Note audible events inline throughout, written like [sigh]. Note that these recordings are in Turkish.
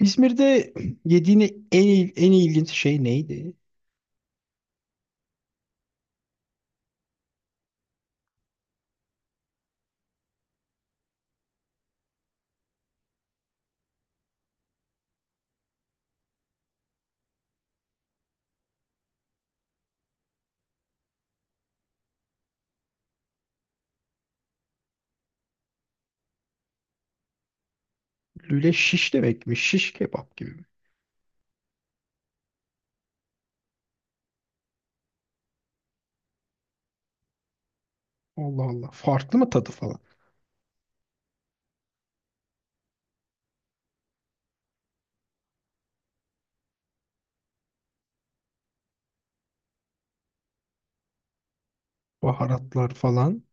İzmir'de yediğin en ilginç şey neydi? Lüle şiş demek mi? Şiş kebap gibi mi? Allah Allah. Farklı mı tadı falan? Baharatlar falan.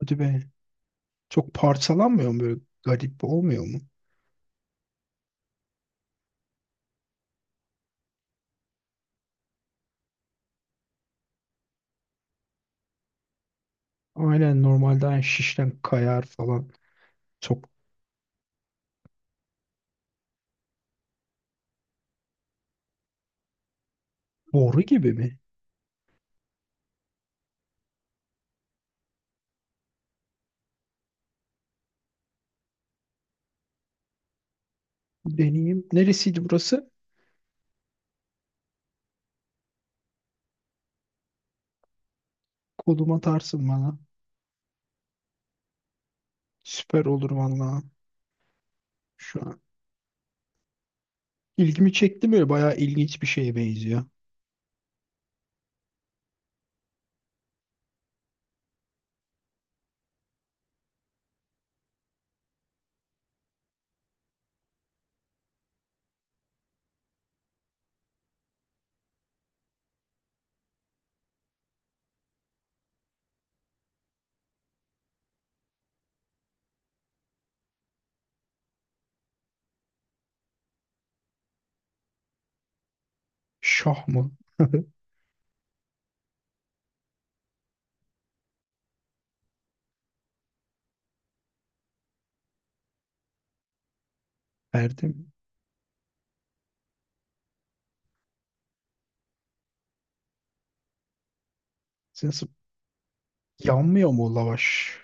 Hadi be. Çok parçalanmıyor mu böyle? Garip olmuyor mu? Aynen, normalden şişten kayar falan. Çok Boru gibi mi? Deneyeyim. Neresiydi burası? Koluma atarsın bana. Süper olur valla. Şu an. İlgimi çekti böyle. Bayağı ilginç bir şeye benziyor. Şah mı? [laughs] Perde mi? Nasıl? Yanmıyor mu o lavaş?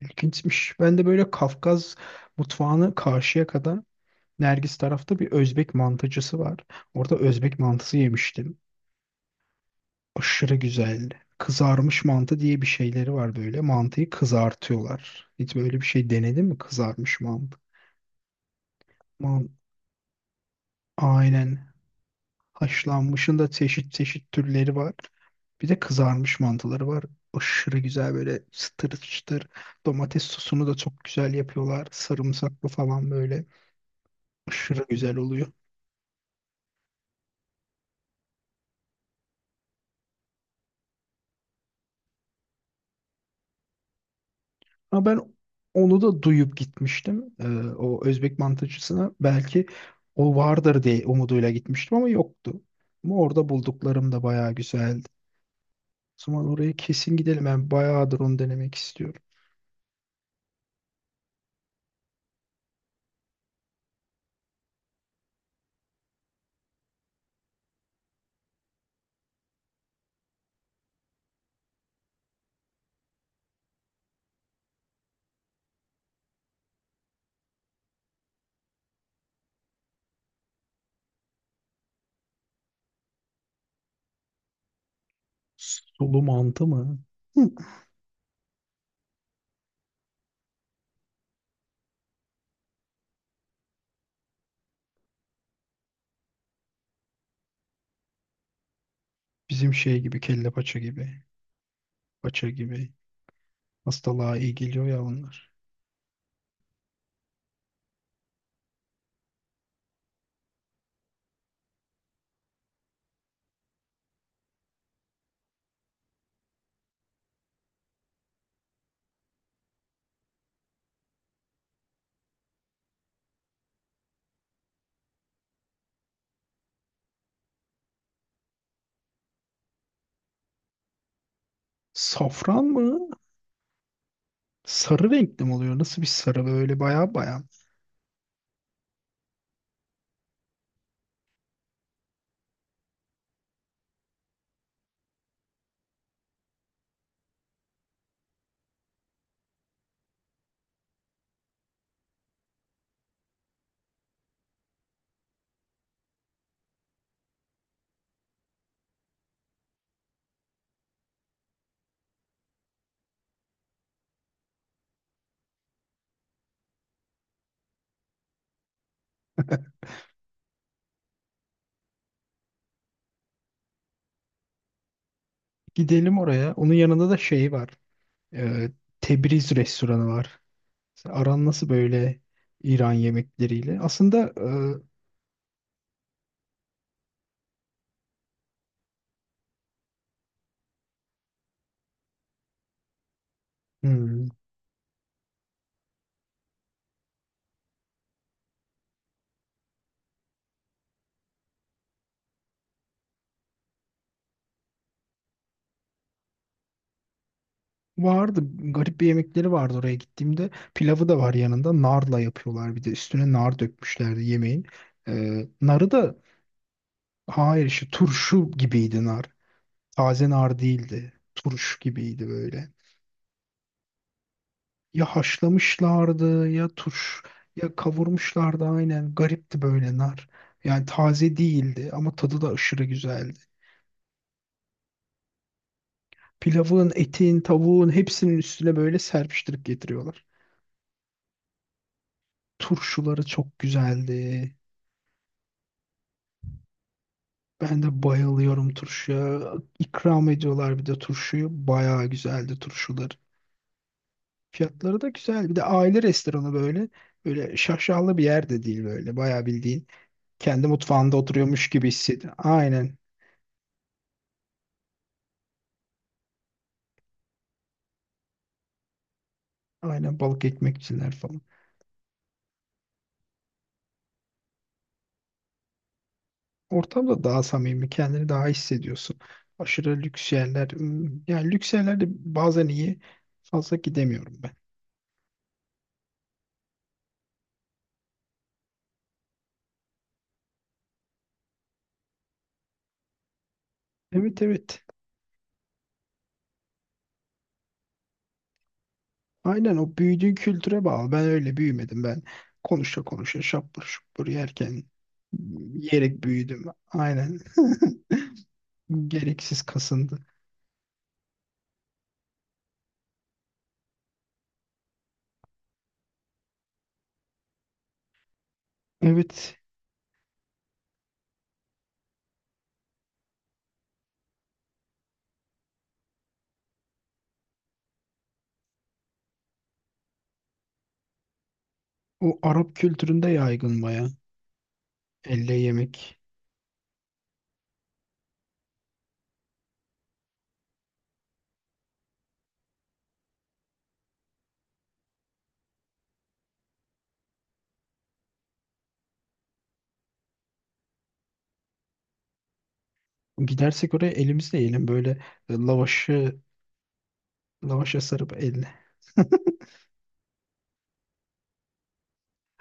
İlginçmiş. Ben de böyle Kafkas mutfağını karşıya kadar, Nergis tarafta bir Özbek mantıcısı var. Orada Özbek mantısı yemiştim. Aşırı güzeldi. Kızarmış mantı diye bir şeyleri var böyle. Mantıyı kızartıyorlar. Hiç böyle bir şey denedin mi? Kızarmış mantı. Man Aynen. Haşlanmışın da çeşit çeşit türleri var. Bir de kızarmış mantıları var. Aşırı güzel böyle, çıtır çıtır. Domates sosunu da çok güzel yapıyorlar. Sarımsaklı falan böyle. Aşırı güzel oluyor. Ama ben onu da duyup gitmiştim. O Özbek mantıcısına belki o vardır diye umuduyla gitmiştim ama yoktu. Ama orada bulduklarım da bayağı güzeldi. O zaman oraya kesin gidelim. Ben bayağıdır onu denemek istiyorum. Sulu mantı mı? Hı. Bizim şey gibi, kelle paça gibi. Paça gibi. Hastalığa iyi geliyor ya onlar. Safran mı? Sarı renkli mi oluyor? Nasıl bir sarı böyle, baya baya. Gidelim oraya. Onun yanında da şey var. Ee, Tebriz restoranı var. Aran nasıl böyle İran yemekleriyle? Aslında e, hmm, vardı. Garip bir yemekleri vardı oraya gittiğimde. Pilavı da var yanında. Narla yapıyorlar bir de. Üstüne nar dökmüşlerdi yemeğin. Narı da, hayır, işte turşu gibiydi nar. Taze nar değildi. Turş gibiydi böyle. Ya haşlamışlardı, ya turş ya kavurmuşlardı, aynen. Garipti böyle nar. Yani taze değildi ama tadı da aşırı güzeldi. Pilavın, etin, tavuğun hepsinin üstüne böyle serpiştirip getiriyorlar. Turşuları çok güzeldi. Ben de bayılıyorum turşuya. İkram ediyorlar bir de turşuyu. Bayağı güzeldi turşuları. Fiyatları da güzel. Bir de aile restoranı böyle. Böyle şaşalı bir yer de değil böyle. Bayağı bildiğin. Kendi mutfağında oturuyormuş gibi hissediyor. Aynen. Aynen, balık ekmekçiler falan. Ortamda daha samimi, kendini daha hissediyorsun. Aşırı lüks yerler. Yani lüks yerlerde bazen iyi. Fazla gidemiyorum ben. Evet, evet. Aynen, o büyüdüğün kültüre bağlı. Ben öyle büyümedim ben. Konuşa konuşa şapur şupur yerken, yiyerek büyüdüm. Aynen. [laughs] Gereksiz kasındı. Evet. O Arap kültüründe yaygın baya. Elle yemek. Gidersek oraya elimizle yiyelim böyle, e, lavaşı lavaşa sarıp, elle. [laughs]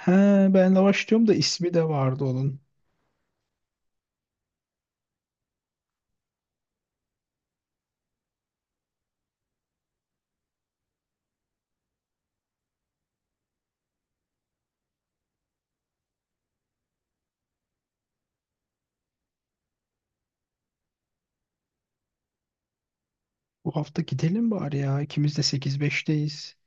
He, ben lavaş diyorum da ismi de vardı onun. Bu hafta gidelim bari ya. İkimiz de sekiz beşteyiz.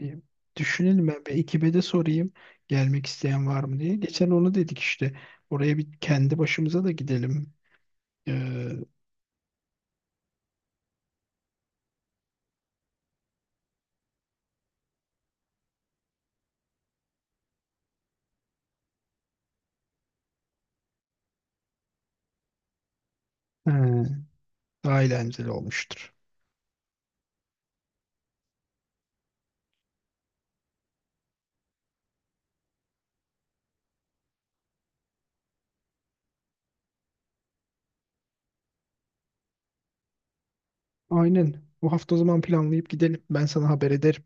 E, Düşünelim, ben bir ekibe de sorayım gelmek isteyen var mı diye. Geçen onu dedik işte. Oraya bir kendi başımıza da gidelim. E, he, daha eğlenceli olmuştur. Aynen. Bu hafta o zaman planlayıp gidelim. Ben sana haber ederim.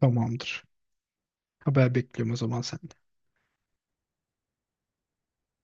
Tamamdır. Haber bekliyorum o zaman sen.